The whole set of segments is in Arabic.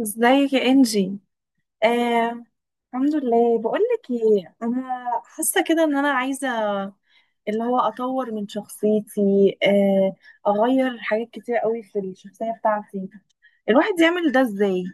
ازيك يا انجي؟ آه، الحمد لله. بقول لك ايه، انا حاسه كده ان انا عايزه اللي هو اطور من شخصيتي، آه، اغير حاجات كتير قوي في الشخصيه بتاعتي. الواحد يعمل ده ازاي؟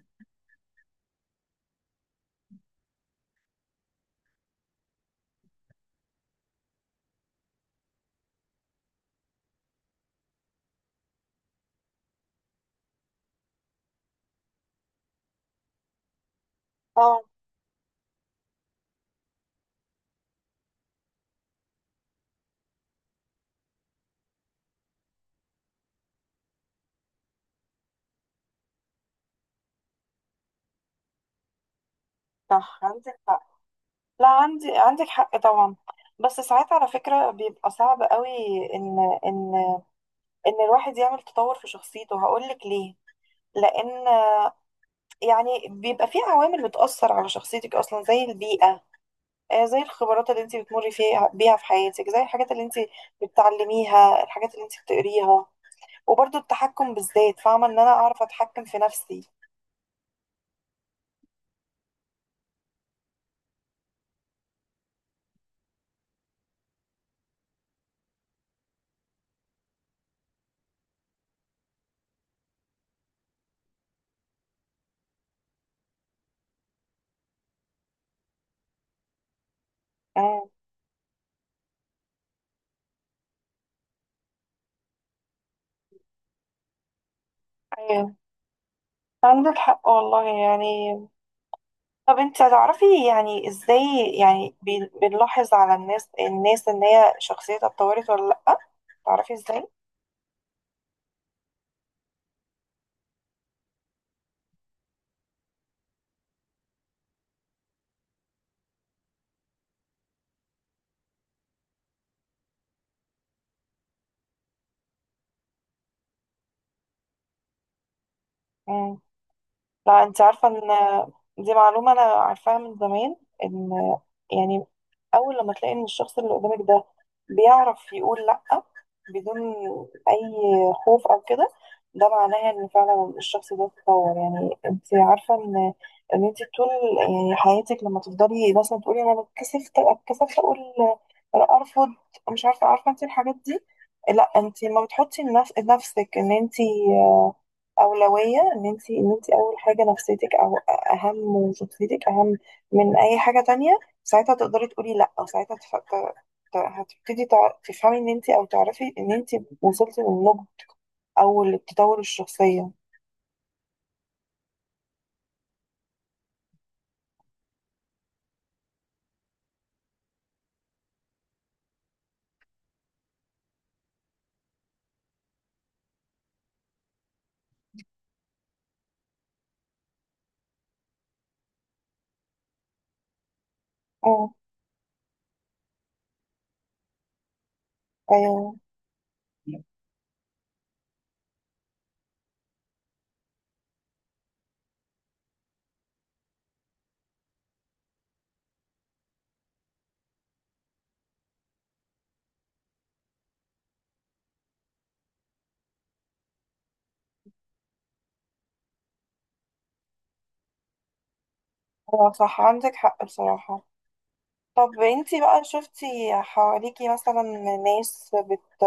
اه، صح، عندك حق. لا، عندك حق طبعا. بس ساعات على فكرة بيبقى صعب قوي ان ان ان الواحد يعمل تطور في شخصيته. هقولك ليه، لان يعني بيبقى في عوامل بتأثر على شخصيتك أصلا، زي البيئة، زي الخبرات اللي انت بتمري بيها في حياتك، زي الحاجات اللي انت بتتعلميها، الحاجات اللي انت بتقريها، وبرضو التحكم بالذات. فاهمة إن أنا أعرف أتحكم في نفسي. مم. أيوه، عندك حق والله. يعني طب انت هتعرفي يعني ازاي، يعني بنلاحظ على الناس إن هي شخصيتها اتطورت ولا لأ؟ تعرفي ازاي؟ مم. لا، انت عارفة ان دي معلومة انا عارفاها من زمان، ان يعني اول لما تلاقي ان الشخص اللي قدامك ده بيعرف يقول لا بدون اي خوف او كده، ده معناها ان فعلا الشخص ده اتطور. يعني انت عارفة ان انت طول يعني حياتك لما تفضلي مثلا تقولي انا اتكسفت اتكسفت اقول انا ارفض، مش عارفة، عارفة انت الحاجات دي؟ لا انت ما بتحطي لنفسك ان انت أولوية، إن أنت أول حاجة، نفسيتك أو أهم، وشخصيتك أهم من أي حاجة تانية. ساعتها تقدري تقولي لأ، أو ساعتها هتبتدي تفهمي إن أنت، أو تعرفي إن أنت وصلتي للنضج أو للتطور الشخصية. أه. أيوه. أه، صح، عندك حق بصراحة. طب أنت بقى شفتي حواليكي مثلا ناس بت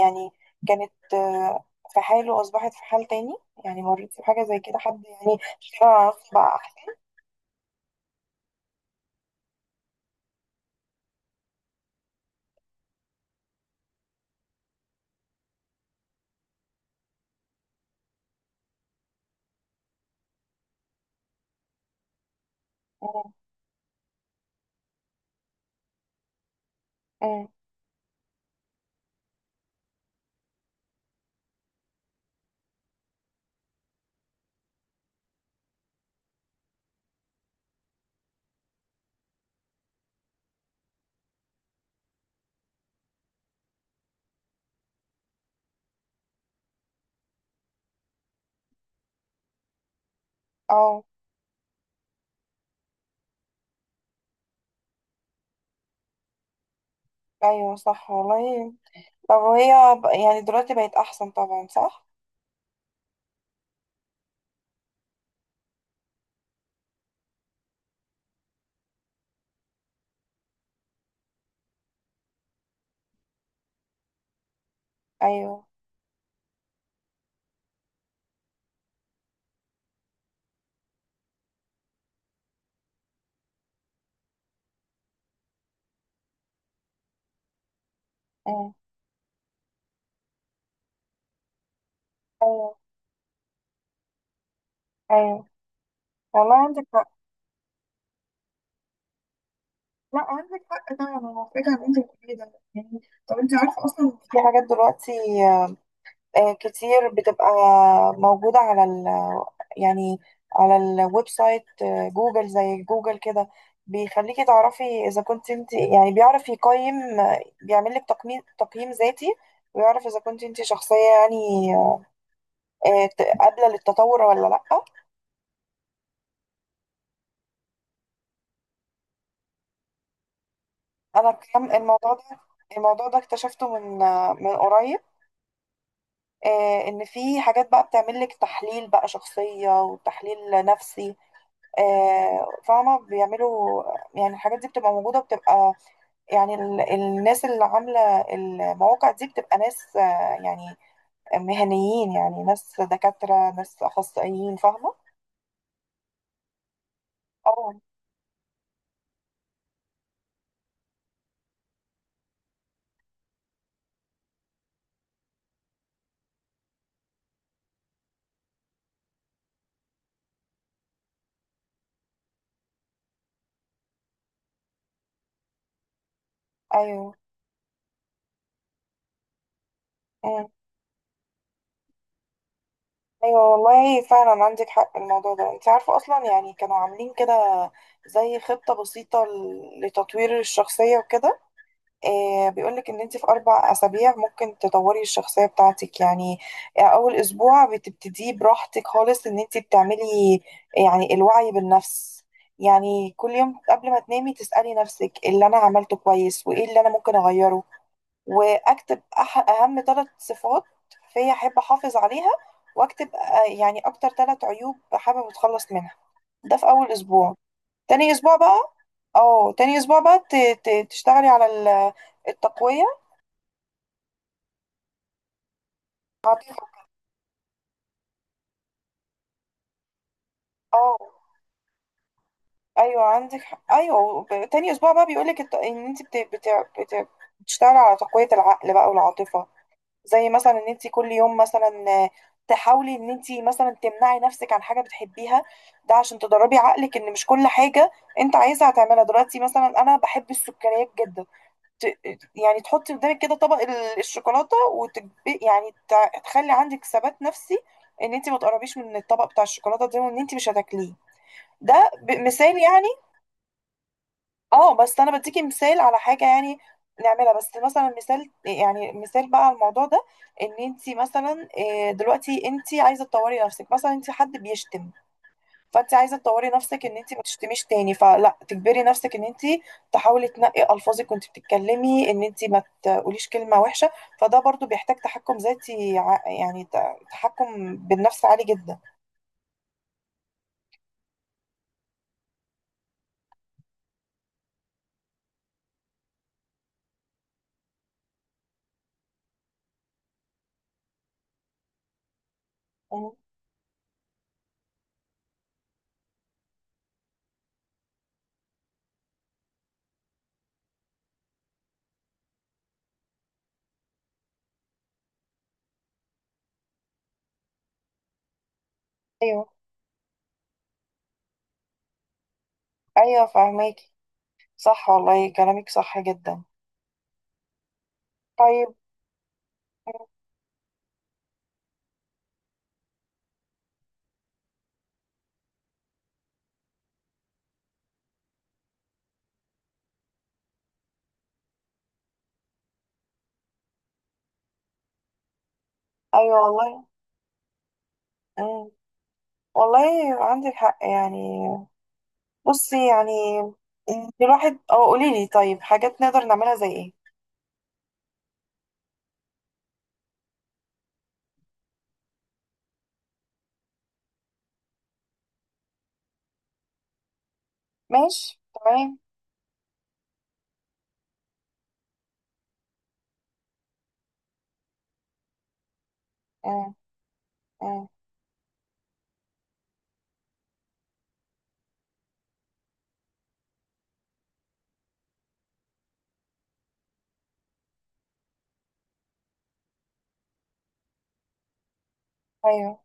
يعني كانت في حال وأصبحت في حال تاني؟ يعني مريتي بحاجة زي كده، حد يعني اشتغل على نفسه بقى أحسن؟ أمم. اه، ايوه، صح والله. طب وهي يعني دلوقتي بقت احسن طبعا؟ صح. ايوه. أمم. ايوه. ايوه والله، عندك حق. لا، عندك حق طبعا، انا محتاجه ان انت بتقولي ده يعني. طب انت عارفه اصلا في حاجات دلوقتي كتير بتبقى موجوده على ال، يعني على الويب سايت، جوجل، زي جوجل كده، بيخليكي تعرفي اذا كنت انت يعني. بيعرف يقيم، بيعمل لك تقييم، تقييم ذاتي، ويعرف اذا كنت انت شخصيه يعني قابلة للتطور ولا لأ. أنا كم الموضوع ده الموضوع ده اكتشفته من قريب. إن في حاجات بقى بتعمل لك تحليل بقى شخصية وتحليل نفسي، فاهمة بيعملوا يعني. الحاجات دي بتبقى موجودة، يعني الناس اللي عاملة المواقع دي بتبقى ناس يعني مهنيين، يعني ناس دكاترة، ناس أخصائيين، فاهمة؟ اه. أيوه. ايوه والله فعلا عندك حق. الموضوع ده انت عارفه اصلا يعني كانوا عاملين كده زي خطه بسيطه لتطوير الشخصيه وكده. إيه بيقولك ان انت في 4 اسابيع ممكن تطوري الشخصيه بتاعتك يعني. اول اسبوع بتبتديه براحتك خالص، ان انت بتعملي يعني الوعي بالنفس، يعني كل يوم قبل ما تنامي تسألي نفسك إيه اللي انا عملته كويس وايه اللي انا ممكن اغيره، واكتب اهم ثلاث صفات فيا احب احافظ عليها، واكتب يعني اكتر ثلاث عيوب حابب اتخلص منها، ده في اول اسبوع. تاني اسبوع بقى، اه، تاني اسبوع بقى تشتغلي على التقوية. هت- اه، ايوه، عندك حق. ايوه، تاني اسبوع بقى بيقولك ان انت بت... بتشتغلي على تقوية العقل بقى والعاطفة. زي مثلا ان انت كل يوم مثلا تحاولي ان انت مثلا تمنعي نفسك عن حاجه بتحبيها، ده عشان تدربي عقلك ان مش كل حاجه انت عايزها هتعملها دلوقتي. مثلا انا بحب السكريات جدا، ت... يعني تحطي قدامك كده طبق الشوكولاته، يعني تخلي عندك ثبات نفسي ان انت ما تقربيش من الطبق بتاع الشوكولاته ده وان انت مش هتاكليه. ده مثال يعني. اه بس انا بديكي مثال على حاجه يعني نعملها بس، مثلا مثال، يعني مثال بقى على الموضوع ده، ان انت مثلا دلوقتي انت عايزه تطوري نفسك. مثلا انت حد بيشتم، فانت عايزه تطوري نفسك ان انت ما تشتميش تاني، فلا تجبري نفسك ان انت تحاولي تنقي الفاظك وانت بتتكلمي، ان انت ما تقوليش كلمه وحشه، فده برضو بيحتاج تحكم ذاتي، يعني تحكم بالنفس عالي جدا. مم. ايوه. ايوه، فاهماكي. صح والله، كلامك صح جدا. طيب. ايوه والله. مم. والله عندك حق يعني. بصي يعني الواحد. اه، قولي لي طيب، حاجات نقدر نعملها زي ايه؟ ماشي، تمام. مم. مم. ايوه.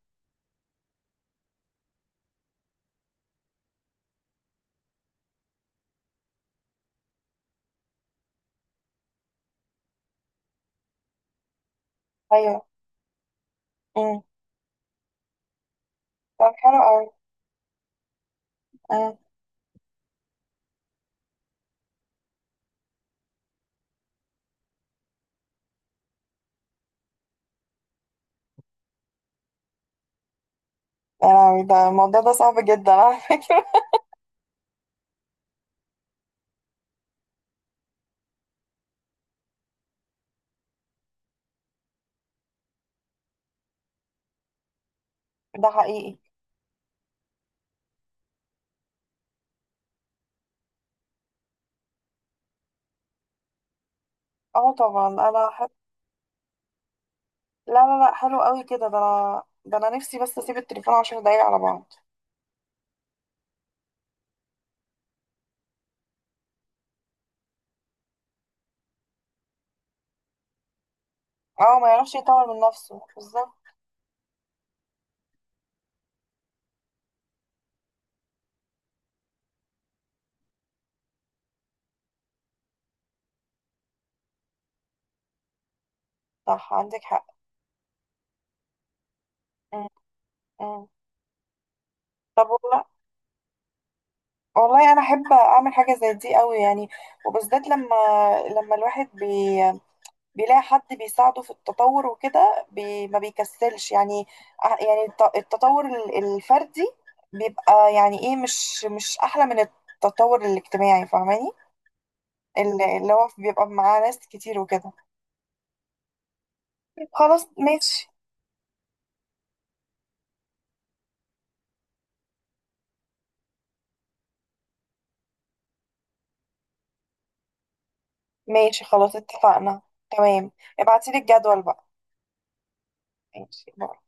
ايوه. مم. طب حلو قوي. مم. يا لهوي، ده الموضوع ده صعب جدا على فكرة. ده حقيقي. اه طبعا انا لا لا لا، حلو قوي كده. ده انا، ده انا نفسي بس اسيب التليفون 10 دقايق على بعض. اه، ما يعرفش يطور من نفسه بالظبط. صح، عندك حق. مم. مم. طب والله، والله انا احب اعمل حاجه زي دي قوي يعني، وبالذات لما الواحد بيلاقي حد بيساعده في التطور وكده ما بيكسلش يعني. يعني التطور الفردي بيبقى يعني ايه، مش احلى من التطور الاجتماعي، فاهماني؟ اللي هو بيبقى معاه ناس كتير وكده. خلاص، ماشي. ماشي خلاص، اتفقنا. تمام. ابعتيلي الجدول بقى. ماشي.